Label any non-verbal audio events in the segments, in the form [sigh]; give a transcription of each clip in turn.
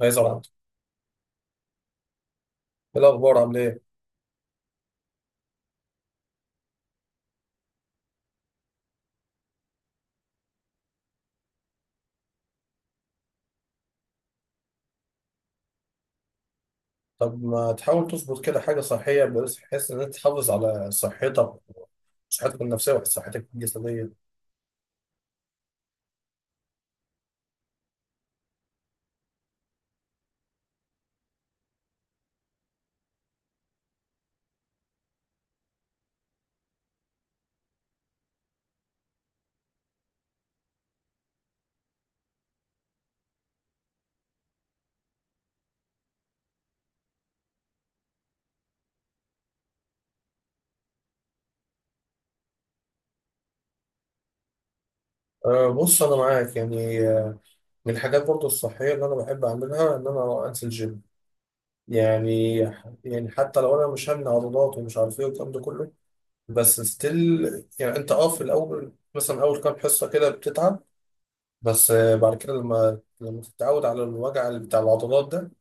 عايز اقعد. ايه الاخبار؟ عامل ايه؟ طب ما تحاول تظبط كده حاجه صحيه، بس بحيث ان انت تحافظ على صحتك، صحتك النفسيه وصحتك الجسديه. أه، بص انا معاك، يعني من الحاجات برضو الصحيه اللي انا بحب اعملها ان انا انزل جيم. يعني يعني حتى لو انا مش همنع عضلات ومش عارف ايه والكلام ده كله، بس ستيل يعني انت اه في الاول، مثلا اول كام حصه كده بتتعب، بس بعد كده لما تتعود على الوجع اللي بتاع العضلات ده،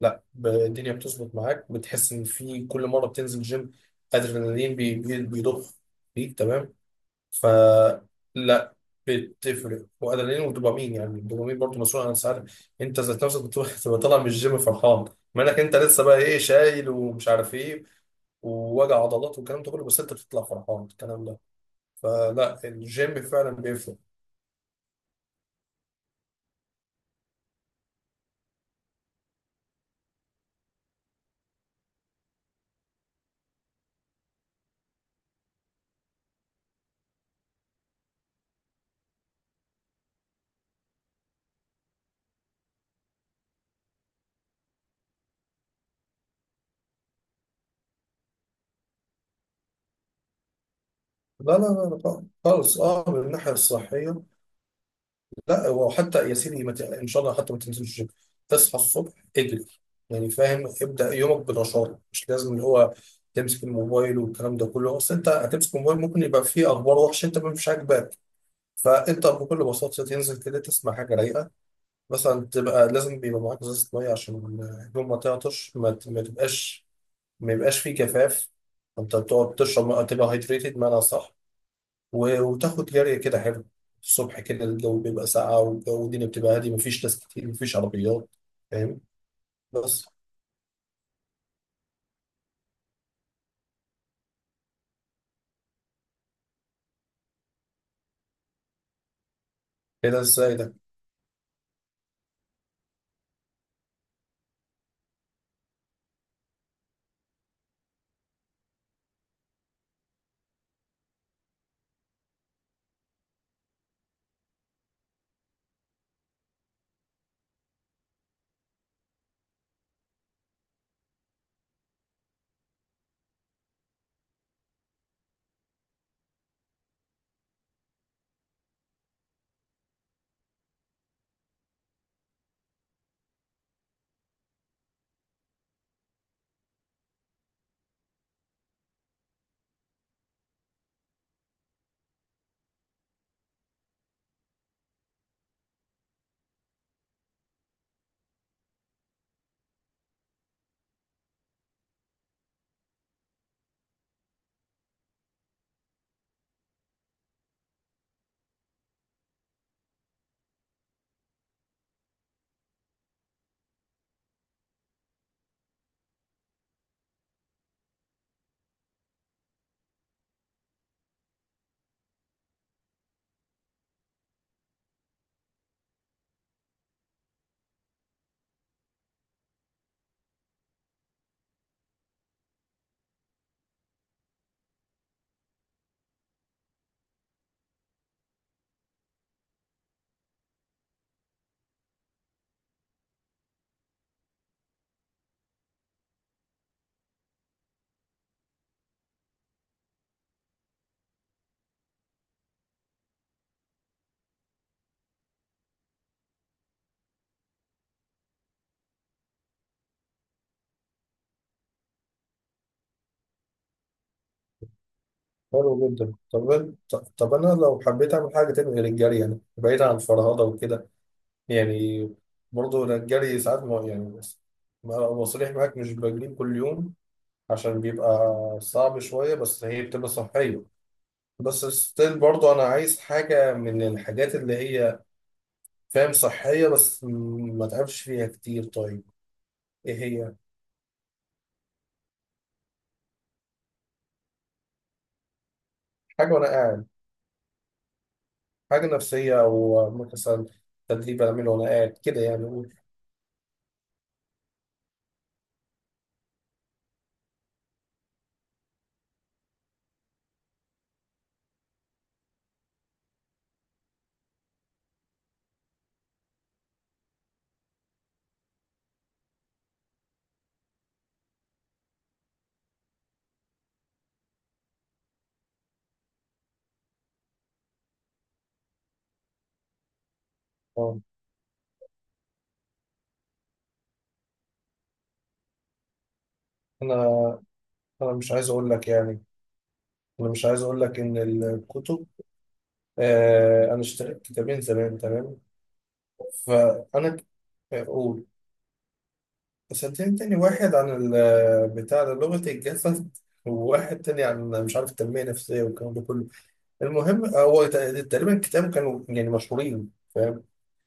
لا الدنيا بتظبط معاك، بتحس ان في كل مره بتنزل جيم ادرينالين بيضخ فيك، تمام. ف لا، بتفرق، وادرينالين ودوبامين، يعني الدوبامين برضه مسؤول عن السعاده. انت ذات نفسك بتروح [laughs] تبقى طالع من الجيم فرحان، ما انك انت لسه بقى ايه، شايل ومش عارف ايه ووجع عضلات والكلام ده كله، بس انت بتطلع فرحان الكلام ده. فلا، الجيم فعلا بيفرق. لا، خالص اه، من الناحيه الصحيه. لا، هو حتى يا سيدي ما ت- ان شاء الله حتى ما تنزلش الجيم، تصحى الصبح اجري. يعني فاهم، ابدا يومك بالرشاقه، مش لازم اللي هو تمسك الموبايل والكلام ده كله، اصل انت هتمسك الموبايل ممكن يبقى فيه اخبار وحشه انت مش عاجباك. فانت بكل بساطه تنزل كده، تسمع حاجه رايقه، مثلا. تبقى لازم بيبقى معاك ازازه ميه عشان اليوم ما تعطش، ما تبقاش، ما يبقاش فيه جفاف. انت بتقعد تشرب ميه، تبقى هايدريتد بمعنى صح. وتاخد جري كده حلو الصبح، كده الجو بيبقى ساقع، والجو الدنيا بتبقى هادي، مفيش ناس كتير، مفيش عربيات، فاهم؟ بس كده، ازاي ده؟ حلو جدا. طب أنا- طب طب انا لو حبيت اعمل حاجه تانية غير الجري، يعني بعيد عن الفرهده وكده، يعني برضه أنا الجري ساعات ما يعني، بس أبقى صريح معاك، مش بجري كل يوم، عشان بيبقى صعب شويه، بس هي بتبقى صحيه. بس ستيل برضه انا عايز حاجه من الحاجات اللي هي فاهم صحية، بس ما تعبش فيها كتير. طيب ايه هي؟ حاجة وانا قاعد، حاجة نفسية، او مثلا تدريب اعمله وانا قاعد كده، يعني أقول آه، انا مش عايز اقول لك يعني، انا مش عايز اقول لك ان الكتب، آه انا اشتريت كتابين زمان، تمام. فانا ك- اقول، صدقني، تاني واحد عن بتاع ده، لغة الجسد، وواحد تاني عن مش عارف التنمية النفسية والكلام ده كله. المهم هو تقريبا كتاب كانوا يعني مشهورين، فاهم؟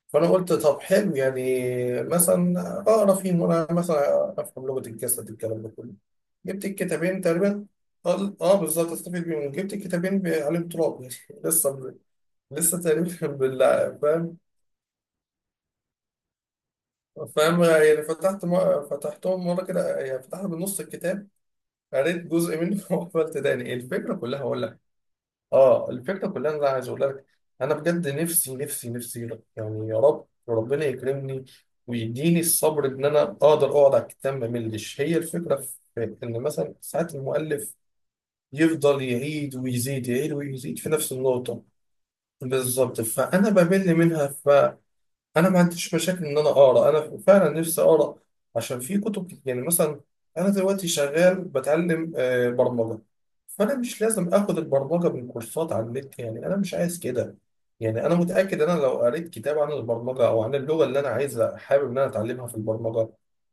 فانا قلت طب حلو يعني، مثلا اقرا فيهم، وانا مثلا افهم لغه الجسد الكلام ده كله. جبت الكتابين تقريبا. اه بالظبط، استفيد بيهم. جبت الكتابين عليهم تراب يعني [laughs] لسه لسه تقريبا [laughs] فاهم؟ فاهم يعني، فتحتهم مره كده، يعني فتحت بنص الكتاب، قريت جزء منه [laughs] وقفلت تاني. الفكره كلها اقول لك، اه الفكره كلها إن انا عايز اقول لك انا بجد نفسي يعني، يا رب ربنا يكرمني ويديني الصبر ان انا اقدر اقعد على الكتاب ما ملش. هي الفكره في ان مثلا ساعات المؤلف يفضل يعيد ويزيد في نفس النقطه. بالظبط، فانا بمل منها. انا ما عنديش مشاكل ان انا اقرا، انا فعلا نفسي اقرا، عشان في يعني مثلا انا دلوقتي شغال بتعلم برمجه، فانا مش لازم اخد البرمجه من كورسات على النت، يعني انا مش عايز كده. يعني انا متاكد انا لو قريت كتاب عن البرمجه او عن اللغه اللي انا عايزه حابب ان انا اتعلمها في البرمجه،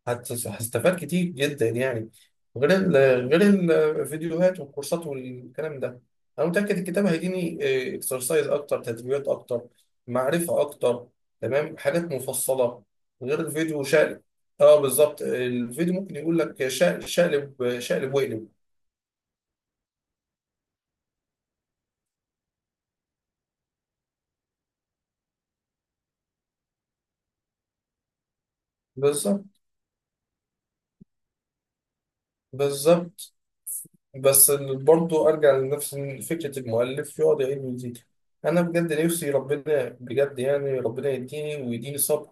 هستفاد كتير جدا يعني، غير ال غير الفيديوهات والكورسات والكلام ده. انا متاكد الكتاب هيديني اكسرسايز اكتر، تدريبات اكتر، معرفه اكتر، تمام، حاجات مفصله، غير الفيديو شقلب. اه بالظبط، الفيديو ممكن يقول لك شقلب شقلب شقلب واقلب. بالظبط بالظبط. بس برضه ارجع لنفس فكره المؤلف يقعد يعيد ويزيد. انا بجد نفسي ربنا، بجد يعني ربنا يديني صبر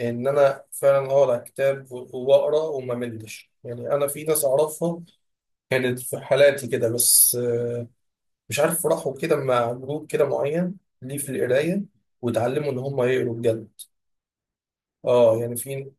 ان انا فعلا اقرا كتاب واقرا وما ملش. يعني انا في ناس اعرفها كانت في حالاتي كده، بس مش عارف راحوا كده مع جروب كده معين ليه في القراية، وتعلموا إن هم يقروا بجد. اه يعني في،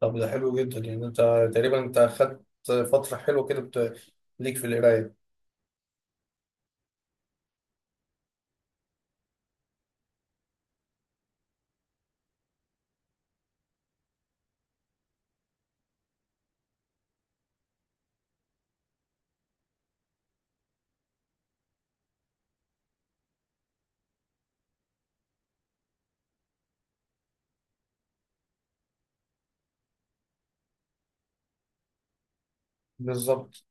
طب ده حلو جدا. يعني انت تقريبا انت خدت فترة حلوة ليك في القراية. بالظبط.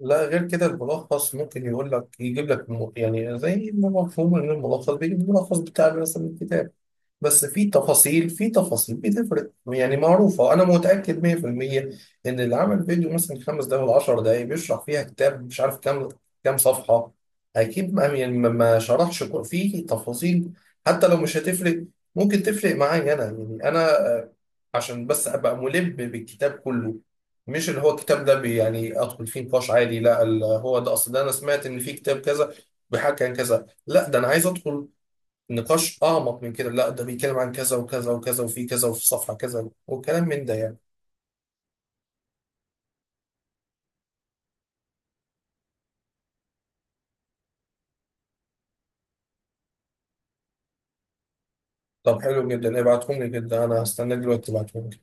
لا غير كده، الملخص ممكن يقول لك يعني زي ما مفهوم ان الملخص بيجيب الملخص بتاع مثلا الكتاب، بس في تفاصيل، في تفاصيل بتفرق يعني، معروفة. أنا متأكد 100% إن اللي عمل فيديو مثلا خمس دقايق ولا 10 دقايق بيشرح فيها كتاب مش عارف كام، صفحة، أكيد ما يعني ما شرحش في تفاصيل. حتى لو مش هتفرق، ممكن تفرق معايا أنا يعني، أنا آه، عشان بس أبقى ملم بالكتاب كله، مش اللي هو الكتاب ده يعني أدخل فيه نقاش عادي، لا هو ده، أصل ده أنا سمعت إن في كتاب كذا بيحكي عن كذا، لا ده أنا عايز أدخل نقاش أعمق من كده، لا ده بيتكلم عن كذا وكذا وكذا، وفي كذا، وفي صفحة كذا، وكلام من ده يعني. طب حلو جدا، ابعتهم لي. جدا أنا هستناك دلوقتي تبعتهم لي.